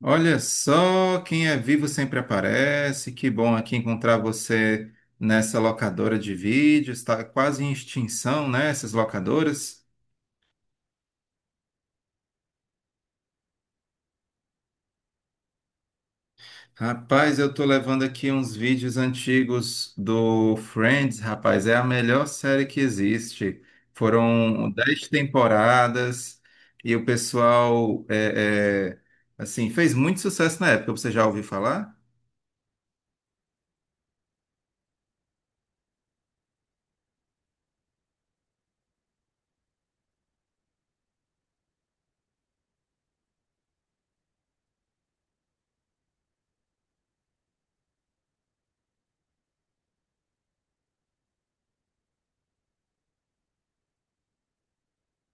Olha só, quem é vivo sempre aparece. Que bom aqui encontrar você nessa locadora de vídeos. Está quase em extinção, né? Essas locadoras. Rapaz, eu tô levando aqui uns vídeos antigos do Friends, rapaz. É a melhor série que existe. Foram 10 temporadas e o pessoal, assim, fez muito sucesso na época. Você já ouviu falar?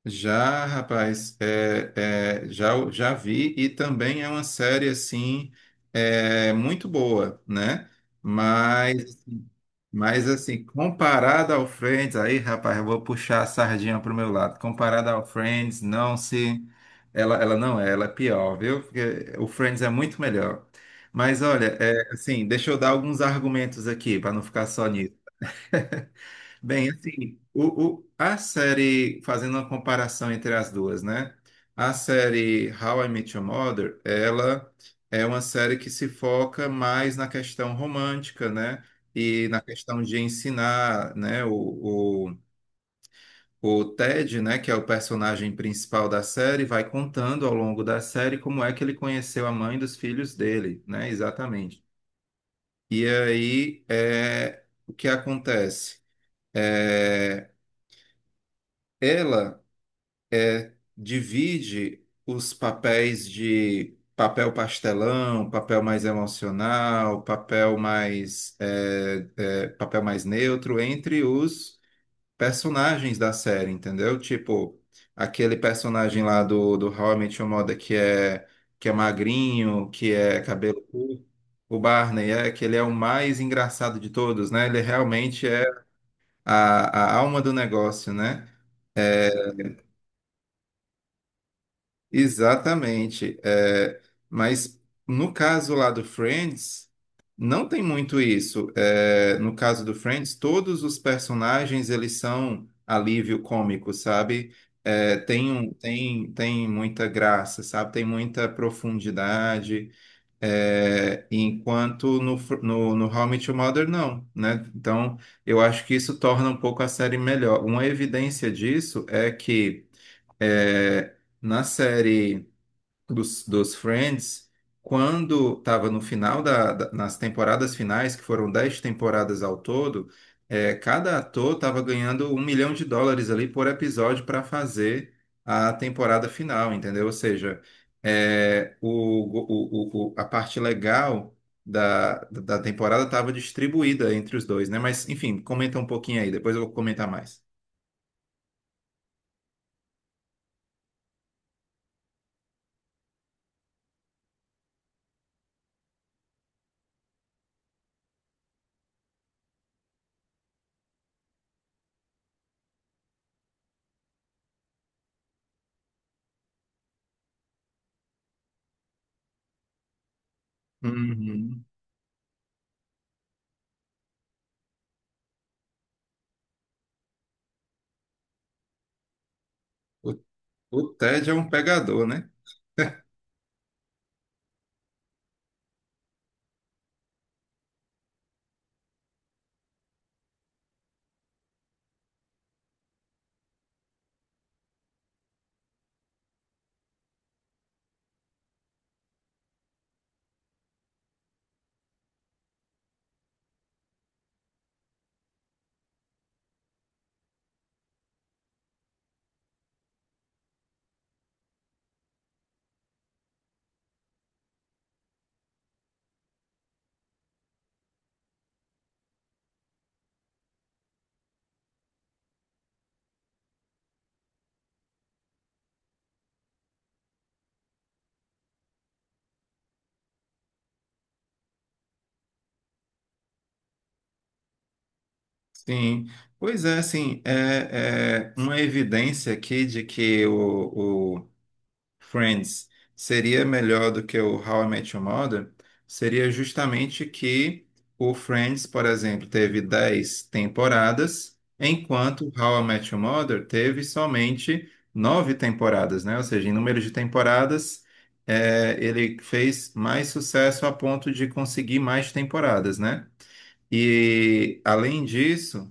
Já, rapaz, já vi e também é uma série assim muito boa, né? Mas, mas assim, comparada ao Friends, aí, rapaz, eu vou puxar a sardinha pro meu lado. Comparada ao Friends, não se, ela não é, ela é pior, viu? Porque o Friends é muito melhor. Mas olha, assim, deixa eu dar alguns argumentos aqui para não ficar só nisso. Bem, assim, a série, fazendo uma comparação entre as duas, né? A série How I Met Your Mother, ela é uma série que se foca mais na questão romântica, né? E na questão de ensinar, né? O Ted, né? Que é o personagem principal da série, vai contando ao longo da série como é que ele conheceu a mãe dos filhos dele, né? Exatamente. E aí, o que acontece? É, ela é, divide os papéis de papel pastelão, papel mais emocional, papel mais papel mais neutro entre os personagens da série, entendeu? Tipo, aquele personagem lá do How I Met Your Mother que é magrinho, que é cabelo curto. O Barney é que ele é o mais engraçado de todos, né? Ele realmente é a alma do negócio, né? Exatamente. Mas no caso lá do Friends, não tem muito isso. É, no caso do Friends, todos os personagens eles são alívio cômico, sabe? Tem muita graça, sabe? Tem muita profundidade. Enquanto no, no How I Met Your Mother, não, né? Então, eu acho que isso torna um pouco a série melhor. Uma evidência disso é que é, na série dos Friends, quando estava no final nas temporadas finais, que foram 10 temporadas ao todo, cada ator estava ganhando US$ 1 milhão ali por episódio para fazer a temporada final, entendeu? Ou seja, a parte legal da temporada estava distribuída entre os dois, né? Mas, enfim, comenta um pouquinho aí, depois eu vou comentar mais. Uhum. O, o Ted é um pegador, né? Sim, pois é, assim, é uma evidência aqui de que o Friends seria melhor do que o How I Met Your Mother, seria justamente que o Friends, por exemplo, teve 10 temporadas, enquanto o How I Met Your Mother teve somente 9 temporadas, né? Ou seja, em número de temporadas, ele fez mais sucesso a ponto de conseguir mais temporadas, né? E, além disso.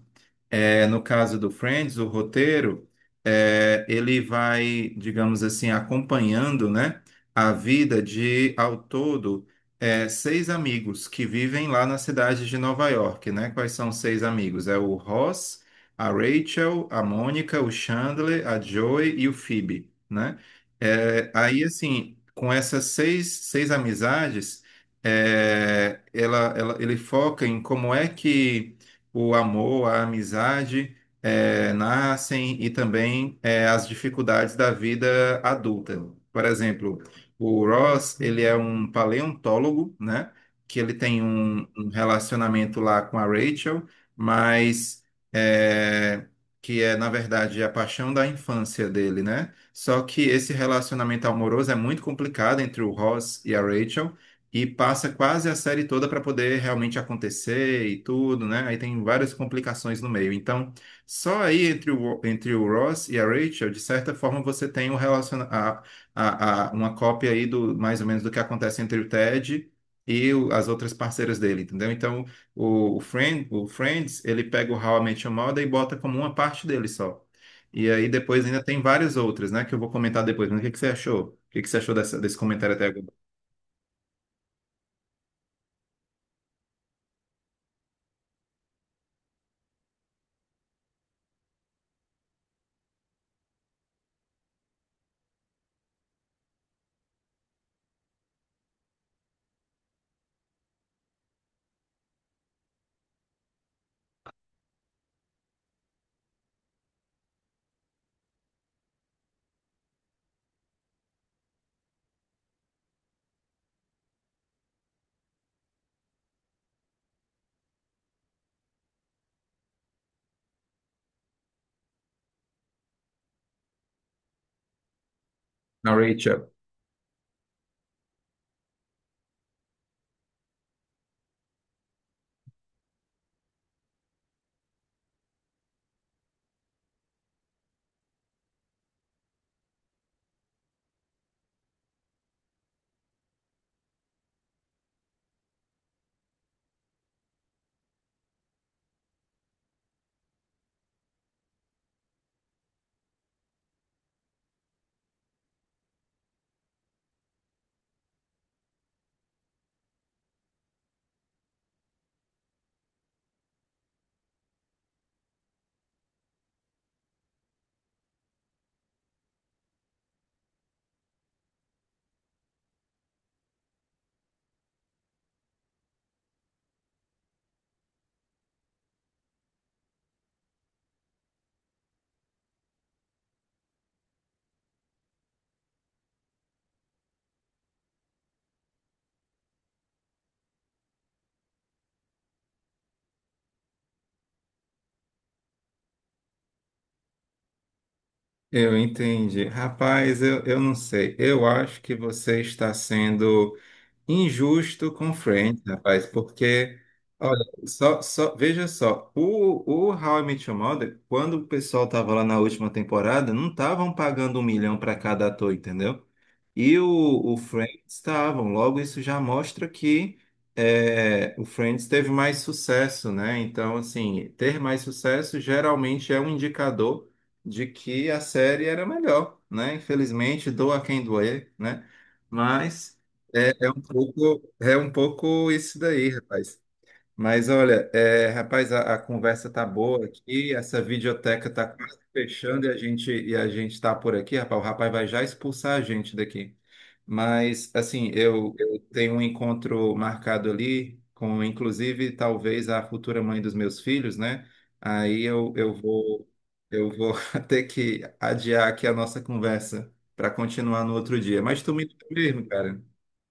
É, no caso do Friends, o roteiro, ele vai, digamos assim, acompanhando, né, a vida de, ao todo, seis amigos que vivem lá na cidade de Nova York, né? Quais são os seis amigos? É o Ross, a Rachel, a Mônica, o Chandler, a Joey e o Phoebe, né? Aí, assim, com essas seis amizades, ele foca em como é que o amor, a amizade nascem e também as dificuldades da vida adulta. Por exemplo, o Ross, ele é um paleontólogo, né? Que ele tem um relacionamento lá com a Rachel, mas eh, que é, na verdade, a paixão da infância dele, né? Só que esse relacionamento amoroso é muito complicado entre o Ross e a Rachel, e passa quase a série toda para poder realmente acontecer e tudo, né? Aí tem várias complicações no meio. Então, só aí entre entre o Ross e a Rachel, de certa forma, você tem um relaciona uma cópia aí do mais ou menos do que acontece entre o Ted as outras parceiras dele, entendeu? Então, o Friends, ele pega o How I Met Your Mother e bota como uma parte dele só. E aí depois ainda tem várias outras, né? Que eu vou comentar depois. Mas o que que você achou? O que que você achou desse comentário até agora? Na Rachel. Eu entendi. Rapaz, eu não sei. Eu acho que você está sendo injusto com o Friends, rapaz, porque, olha, só, veja só, o How I Met Your Mother, quando o pessoal estava lá na última temporada, não estavam pagando 1 milhão para cada ator, entendeu? E o Friends estavam. Logo, isso já mostra que o Friends teve mais sucesso, né? Então, assim, ter mais sucesso geralmente é um indicador de que a série era melhor, né? Infelizmente, doa quem doer, né? Mas é um pouco isso daí, rapaz. Mas olha, rapaz, a conversa tá boa aqui, essa videoteca tá quase fechando e a gente tá por aqui, rapaz, o rapaz vai já expulsar a gente daqui. Mas assim, eu tenho um encontro marcado ali com, inclusive, talvez a futura mãe dos meus filhos, né? Aí eu vou ter que adiar aqui a nossa conversa para continuar no outro dia. Mas tu me liga mesmo, cara,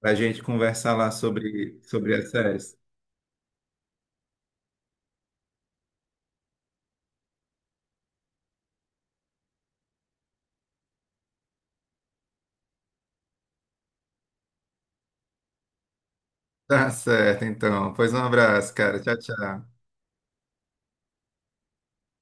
para a gente conversar lá sobre as séries. Tá certo, então. Pois um abraço, cara. Tchau, tchau.